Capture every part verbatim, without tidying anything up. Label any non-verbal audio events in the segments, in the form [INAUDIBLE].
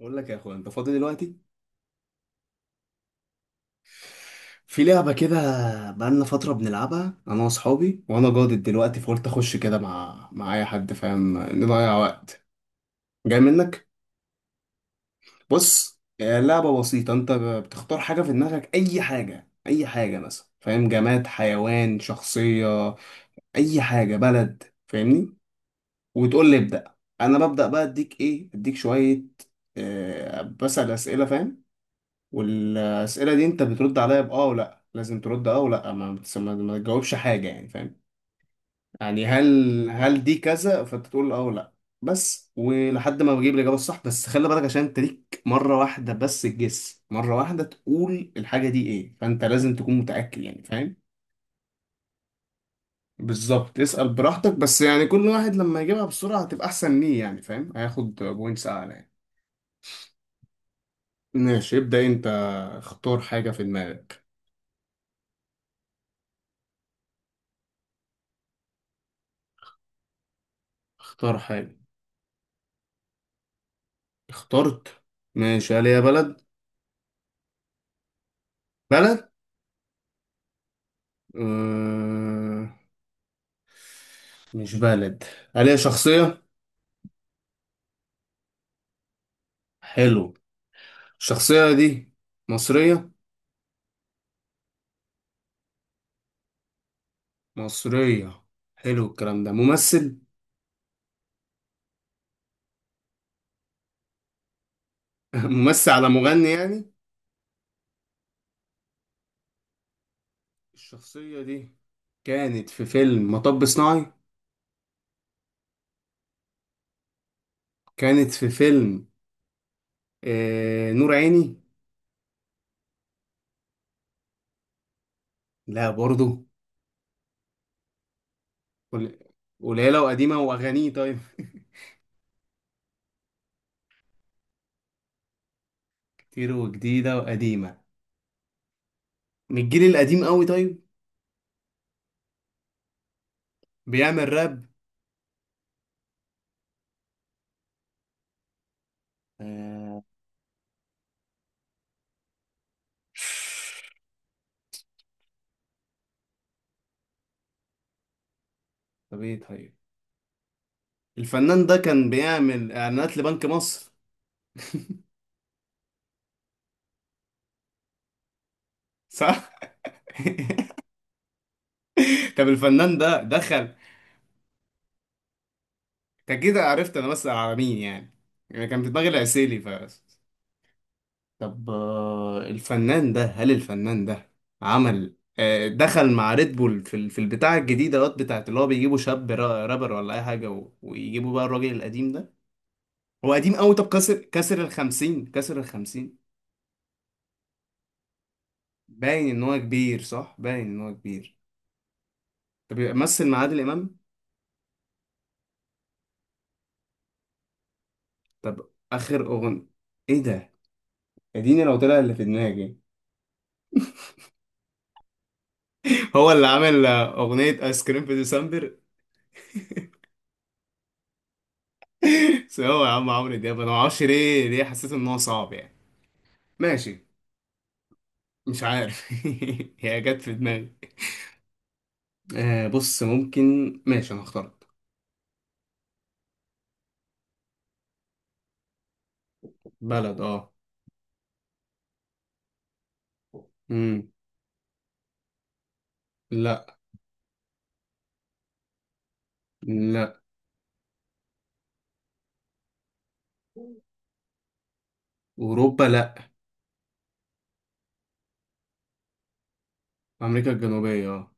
بقول لك يا اخويا انت فاضي دلوقتي. في لعبه كده بقالنا فتره بنلعبها انا واصحابي، وانا جادد دلوقتي فقلت اخش كده مع مع اي حد فاهم، نضيع وقت جاي منك. بص آه، لعبه بسيطه، انت بتختار حاجه في دماغك اي حاجه اي حاجه، مثلا فاهم، جماد حيوان شخصيه اي حاجه بلد، فاهمني وتقول لي ابدا. انا ببدا بقى اديك ايه اديك شويه، آه، بسأل اسئله فاهم، والاسئله دي انت بترد عليا باه ولا لازم ترد اه، ولا ما بتس- ما ما تجاوبش حاجه يعني، فاهم؟ يعني هل، هل دي كذا؟ فانت تقول اه ولا بس. ولحد ما بجيب الاجابه الصح بس، خلي بالك عشان انت ليك مره واحده بس الجس، مره واحده تقول الحاجه دي ايه، فانت لازم تكون متاكد يعني، فاهم؟ بالظبط، اسال براحتك، بس يعني كل واحد لما يجيبها بسرعه هتبقى احسن ليه يعني فاهم، هياخد بوينتس اعلى يعني. ماشي، ابدا انت، اختار حاجه في دماغك. اختار حاجه. اخترت؟ ماشي. هل هي بلد؟ بلد؟ آه... مش بلد. هل هي شخصية؟ حلو. الشخصية دي مصرية؟ مصرية. حلو، الكلام ده ممثل؟ [LAUGHS] ممثل على مغني يعني؟ الشخصية دي كانت في فيلم مطب صناعي؟ كانت في فيلم آه... نور عيني؟ لا برضو؟ قل- قليلة وقديمة وأغانيه؟ طيب. [LAUGHS] كتير وجديدة وقديمة؟ من الجيل القديم قوي؟ طيب. بيعمل راب؟ آه، طب ايه طيب. الفنان ده كان بيعمل اعلانات لبنك مصر؟ صح؟ [LAUGHS] طب الفنان ده دخل، انت كده عرفت انا بسأل على مين يعني، يعني كان في دماغي العسيلي ف... طب آه، الفنان ده، هل الفنان ده عمل، آه، دخل مع ريد بول في ال- في البتاع الجديدة دوت بتاعت، اللي هو بيجيبوا شاب را- رابر ولا اي حاجة و- ويجيبوا بقى الراجل القديم ده؟ هو قديم قوي، طب كسر كسر الخمسين؟ كسر الخمسين؟ باين ان هو كبير صح، باين ان هو كبير. طب يبقى مثل مع عادل امام؟ طب اخر اغنيه، ايه ده، اديني لو طلع اللي في دماغي. [LAUGHS] هو اللي عامل آه، اغنيه ايس كريم في ديسمبر؟ [LAUGHS] بس هو يا عم عمرو دياب انا معرفش ليه، ليه حسيت ان هو صعب يعني. ماشي، مش عارف. [LAUGHS] هي جت في دماغي آه، بص ممكن. ماشي انا اخترت. بلد اه. امم. لا. لا. اوروبا لا. امريكا الجنوبيه اه.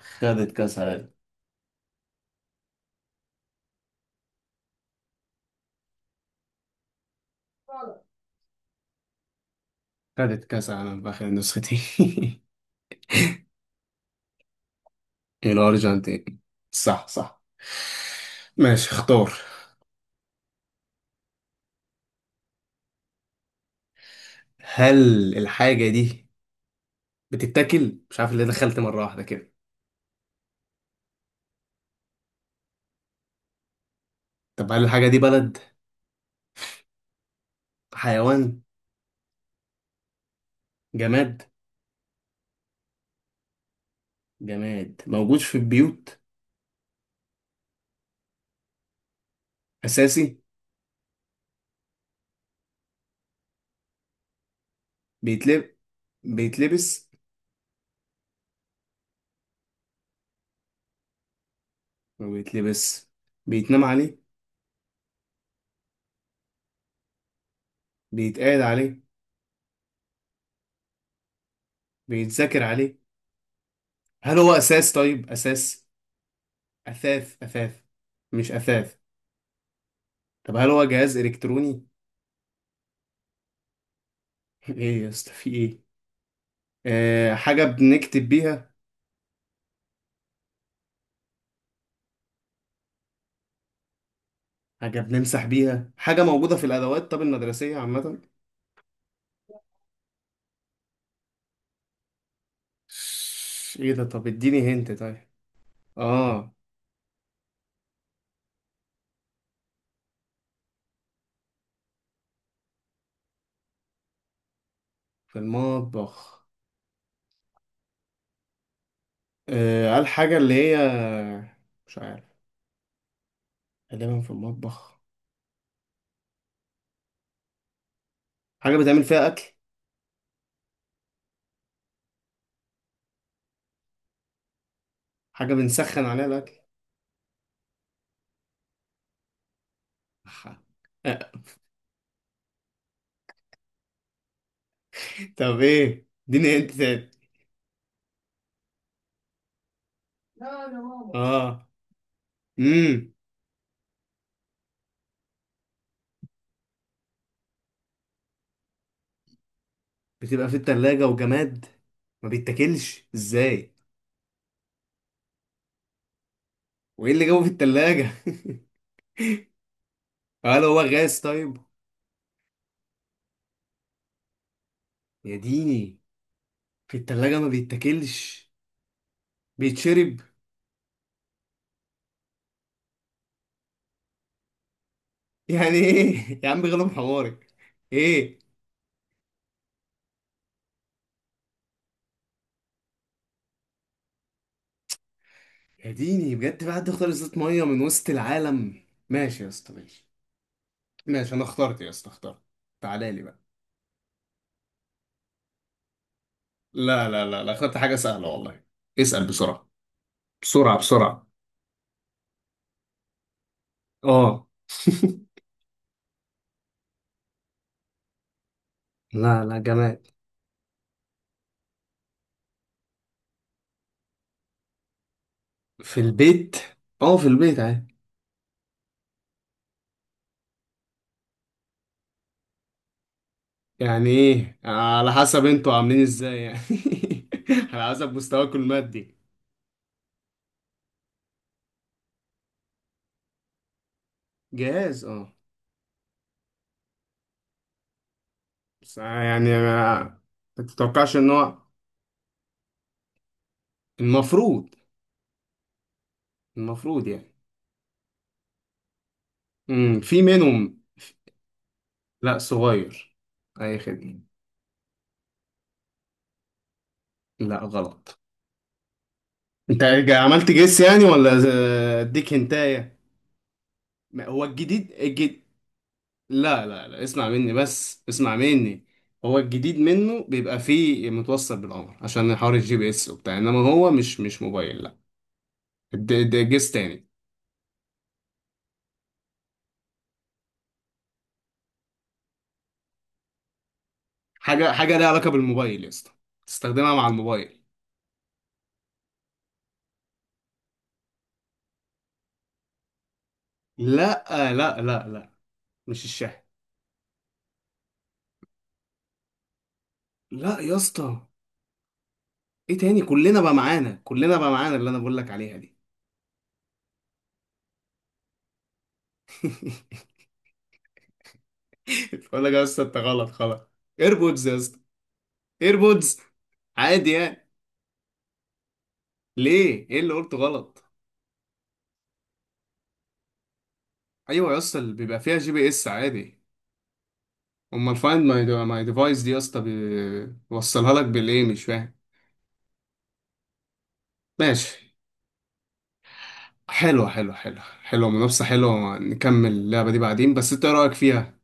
خدت كاس عالم. خدت كاس عالم في اخر النسختين. [LAUGHS] الأرجنتين، صح صح. ماشي اختار. هل الحاجة دي بتتاكل؟ مش عارف اللي دخلت مرة واحدة كده. طب هل الحاجة دي بلد؟ حيوان؟ جماد؟ جماد موجود في البيوت. أساسي. بيتلب، بيتلبس. ما بيتلبس، بيتنام عليه. بيتقعد عليه. بيتذاكر عليه. هل هو أساس طيب؟ أساس. أثاث أثاث. مش أثاث. طب هل هو جهاز إلكتروني؟ [LAUGHS] إيه يا اسطى في إيه؟ آه، حاجة بنكتب بيها. حاجة بنمسح بيها، حاجة موجودة في الأدوات طب المدرسية عامة. ايه ده، طب اديني هنت طيب. اه. في المطبخ. آه قال حاجة اللي هي، مش عارف. غالبا في المطبخ. حاجة بتعمل فيها أكل. حاجة بنسخن عليها الأكل. أح. [LAUGHS] طب ايه، اديني هنت تاني. لا يا ماما، اه. امم. بتبقى في التلاجة وجماد، ما بيتاكلش ازاي؟ وايه اللي جابه في التلاجة. [LAUGHS] هل هو غاز طيب؟ يا ديني. في التلاجة ما بيتاكلش، بيتشرب؟ يعني ايه؟ [LAUGHS] يا عم غلب حمارك. ايه؟ يا ديني بجد، في حد اختار ازازة مية من وسط العالم، ماشي يا اسطى ماشي. ماشي انا اخترت يا اسطى، اخترت. تعالى لي بقى. لا لا لا لا، اخترت حاجة سهلة والله. اسأل بسرعة، بسرعة بسرعة. اه. [LAUGHS] لا لا، جماد. في البيت. اه في البيت عادي. يعني ايه على حسب انتوا عاملين ازاي يعني، [LAUGHS] على حسب مستواكم المادي. جاهز اه. بس يعني ما ما تتوقعش ان هو، المفروض، المفروض يعني. امم في منهم، لا صغير. اي خدمة. لا غلط. انت جا- عملت جيس يعني ولا ز-، اديك هنتايه. ما- هو الجديد الجد... لا لا لا اسمع مني، بس اسمع مني. هو الجديد منه بيبقى فيه متوصل بالقمر عشان حوار الجي بي اس وبتاع، انما هو مش مش موبايل لا. ده جيس تاني. حاجه، حاجه ليها علاقه بالموبايل يا اسطى، تستخدمها مع الموبايل. لا، لا لا لا مش الشاحن. لا يا اسطى. ايه تاني، كلنا بقى معانا، كلنا بقى معانا اللي انا بقول لك عليها دي. [LAUGHS] بقول لك يا اسطى انت غلط خلاص. ايربودز يا اسطى، ايربودز. عادي يعني. ليه، ايه اللي قلته غلط؟ ايوه يا اسطى، اللي بيبقى فيها جي بي اس عادي. امال الفايند ماي ماي ديفايس دي يا اسطى بي-، بيوصلها لك بالايه، مش فاهم؟ ماشي، حلو حلو حلو حلو، منافسة حلوة، نكمل اللعبة دي بعدين، بس انت ايه رأيك فيها؟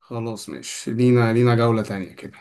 خلاص ماشي، لينا، لينا جولة تانية كده.